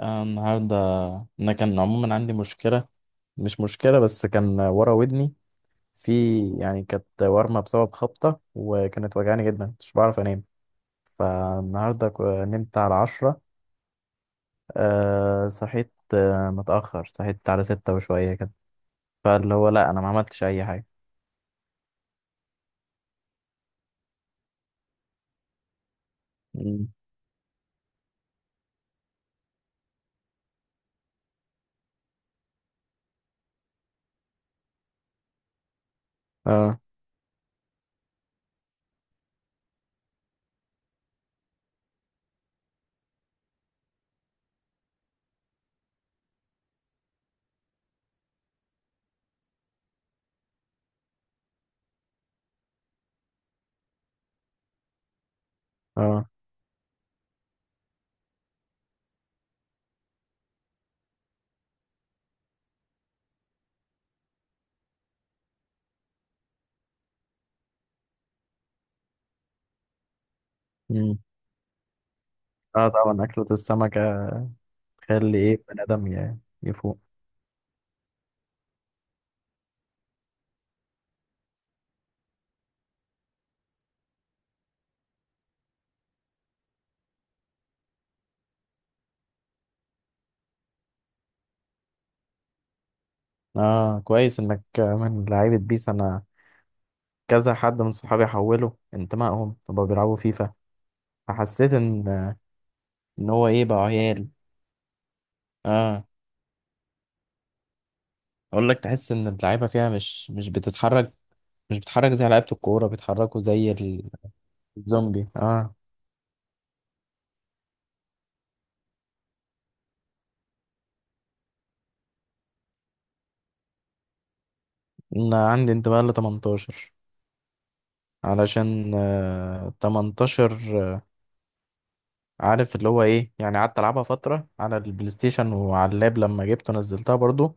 آه، النهاردة أنا كان عموما عندي مشكلة، مش مشكلة، بس كان ورا ودني، في، يعني كانت ورمة بسبب خبطة، وكانت وجعاني جدا مش بعرف أنام. فالنهاردة نمت على 10. صحيت، متأخر، صحيت على ستة وشوية كده. فاللي هو لأ، أنا ما عملتش أي حاجة. مم. اه. اه. مم. اه، طبعا أكلة السمكة تخلي إيه بني آدم يفوق. اه، كويس إنك من لعيبة بيس. أنا كذا حد من صحابي حولوا انتمائهم وبقوا بيلعبوا فيفا، فحسيت ان هو ايه بقى عيال. اه، اقول لك تحس ان اللعيبه فيها مش بتتحرك، مش بتتحرك زي لعيبه الكوره بيتحركوا زي الزومبي. اه، انا عندي انتماء ل 18، علشان 18 عارف اللي هو ايه، يعني قعدت العبها فتره على البلاي ستيشن، وعلى اللاب لما جبته نزلتها برضو،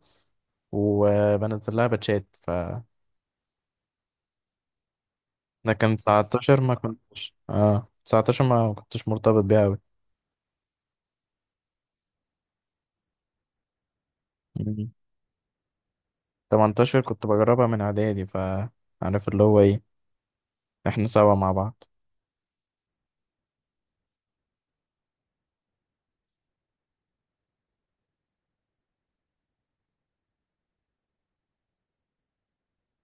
وبنزل لها باتشات. لكن 19 ما كنتش، 19 ما كنتش مرتبط بيها أوي. مم. 18 كنت بجربها من إعدادي، فعارف اللي هو إيه، إحنا سوا مع بعض.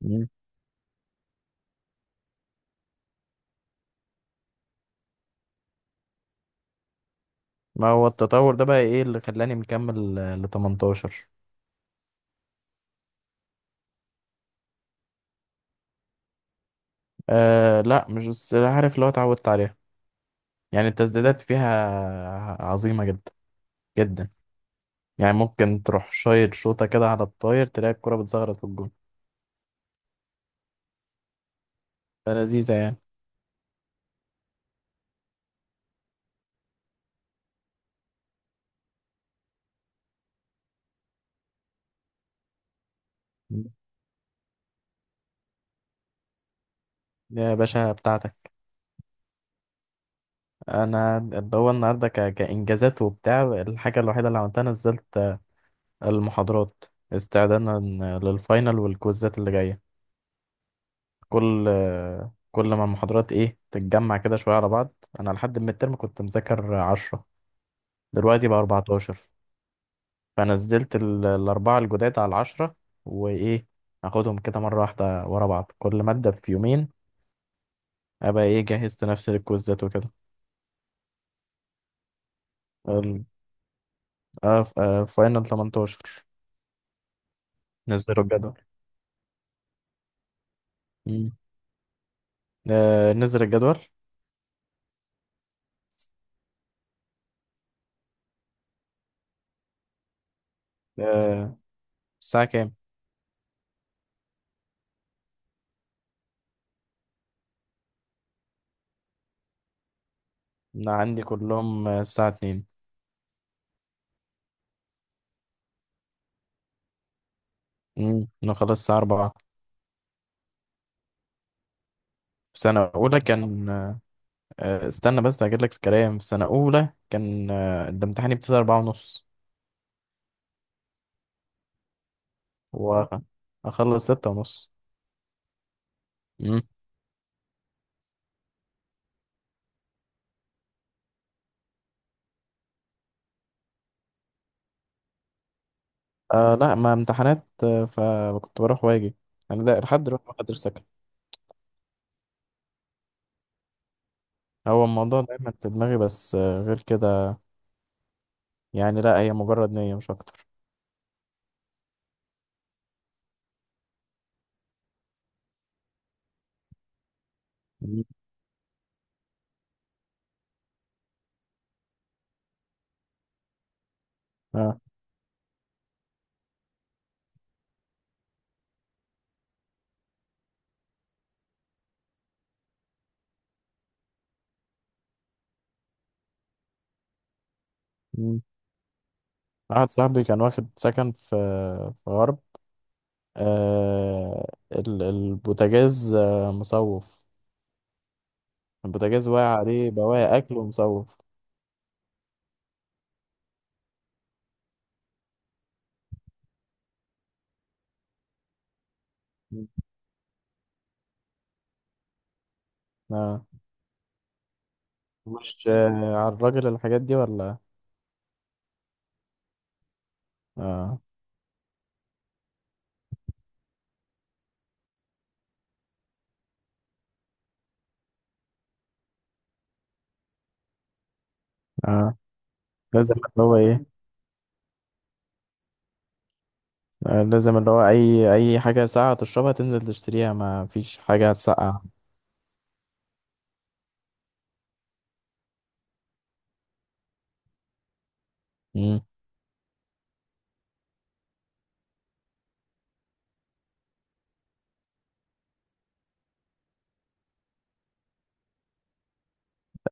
مم. ما هو التطور ده بقى إيه اللي خلاني مكمل ل 18؟ آه لا، مش بس، عارف اللي هو اتعودت عليها، يعني التسديدات فيها عظيمة جدا جدا، يعني ممكن تروح شايط شوطة كده على الطاير، تلاقي الكرة بتزغرط في الجون، فلذيذة يعني. مم. يا باشا بتاعتك. انا اللي هو النهارده كانجازات وبتاع، الحاجه الوحيده اللي عملتها نزلت المحاضرات استعدادا للفاينل والكويزات اللي جايه. كل ما المحاضرات ايه تتجمع كده شويه على بعض. انا لحد من الترم كنت مذاكر 10، دلوقتي بقى 14، فنزلت الاربعه الجداد على العشرة، وايه اخدهم كده مره واحده ورا بعض، كل ماده في يومين، ابقى ايه جهزت نفسي للكويزات وكده. ال- فاينل 18، نزلوا الجدول. نزل الجدول. آه، الساعة كام؟ أنا عندي كلهم الساعة 2. أنا خلاص الساعة 4. في سنة أولى كان استنى بس هجيب لك الكلام، في سنة أولى كان الامتحان يبتدي 4:30، وأخلص 6:30. مم. آه لا، ما امتحانات، فكنت بروح واجي، يعني ده لحد دلوقتي ما حدش سكت. هو الموضوع دايما في دماغي، بس غير كده، يعني لا هي مجرد نية مش أكتر. مم. آه. مم. واحد صاحبي كان واخد سكن في في غرب. البوتاجاز مصوف، البوتاجاز واقع عليه بواقي أكل ومصوف. مم. آه، مش على الراجل الحاجات دي ولا؟ آه آه، لازم اللي هو إيه. آه، لازم اللي هو أي حاجة ساقعة تشربها تنزل تشتريها، ما فيش حاجة هتسقع. مم.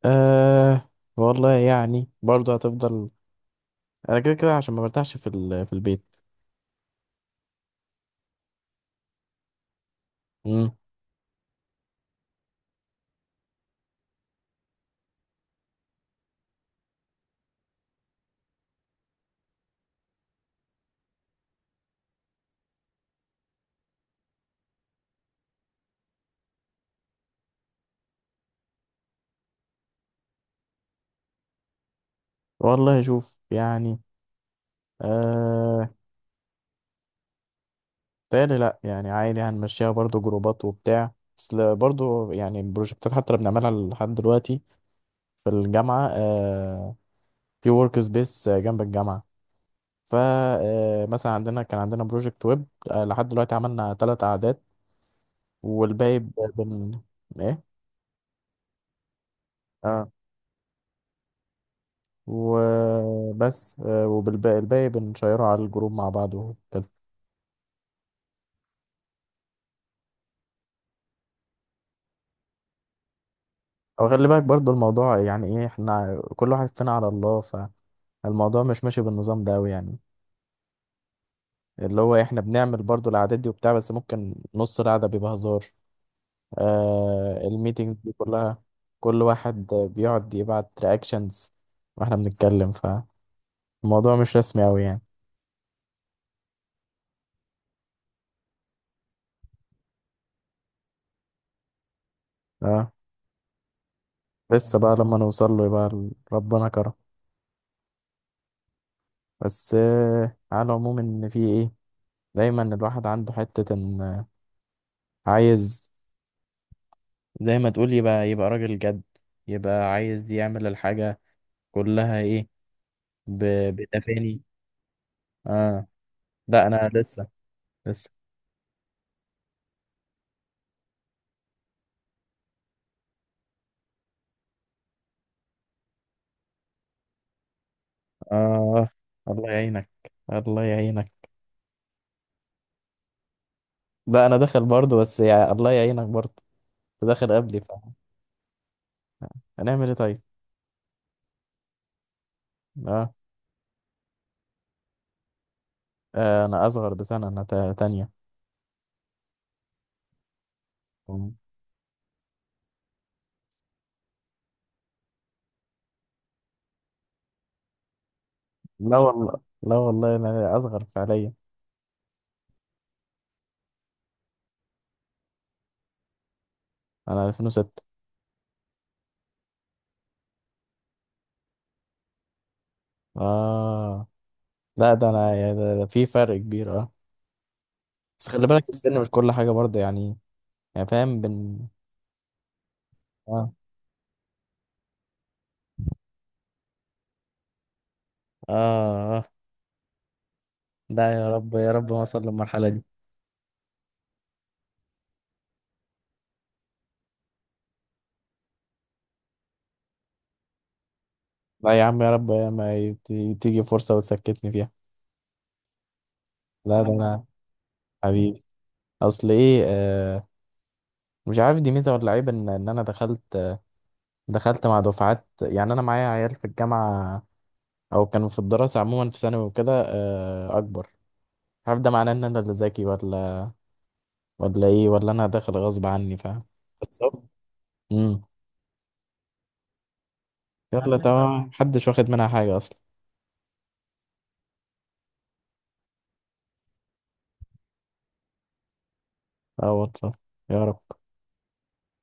آه، والله يعني برضه هتفضل، أنا كده كده عشان ما برتاحش في البيت. مم. والله شوف يعني. آه، تاني لا، يعني عادي هنمشيها برضو جروبات وبتاع، اصل برضو يعني البروجكتات حتى اللي بنعملها لحد دلوقتي في الجامعة في ورك سبيس جنب الجامعة. فا مثلا عندنا بروجكت ويب. آه لحد دلوقتي عملنا ثلاث أعداد، والباقي ب- بن ايه. اه، وبس، وبالباقي الباقي بنشيره على الجروب مع بعض وكده. او خلي بالك برضو الموضوع يعني ايه، احنا كل واحد فينا على الله، فالموضوع مش ماشي بالنظام ده أوي يعني. اللي هو احنا بنعمل برضو العادات دي وبتاع، بس ممكن نص القعدة بيبقى هزار. آه، الميتينجز دي كلها كل واحد بيقعد يبعت رياكشنز واحنا بنتكلم، فالموضوع مش رسمي قوي يعني. اه، لسه بقى لما نوصل له يبقى ربنا كرم. بس على العموم ان في ايه، دايما الواحد عنده حتة ان عايز زي ما تقول يبقى راجل جد، يبقى عايز يعمل الحاجة كلها ايه بتفاني. اه لا، انا لسه لسه. آه، الله يعينك، الله يعينك. لا أنا داخل برضه، بس يا الله يعينك برضه. أنت داخل قبلي، فهنعمل إيه طيب. آه. آه، أنا أصغر بسنة، أنا تانية. لا والله، لا والله، أنا أصغر فعليا. أنا 2006. آه لا، ده أنا ده في فرق كبير آه. بس خلي بالك السن مش كل حاجة برضه، يعني فاهم آه. آه. آه. لا، يا رب يا رب ما أوصل للمرحلة دي. لا يا عم، يا رب ما تيجي فرصة وتسكتني فيها. لا ده أنا حبيبي. اصل ايه مش عارف دي ميزه ولا عيب ان انا دخلت مع دفعات، يعني انا معايا عيال في الجامعه او كانوا في الدراسه عموما في ثانوي وكده اكبر. مش عارف ده معناه ان انا اللي ذكي ولا ايه، ولا انا داخل غصب عني، فاهم. بالظبط. امم يلا تمام، محدش واخد منها حاجه اصلا. اه والله، يا رب.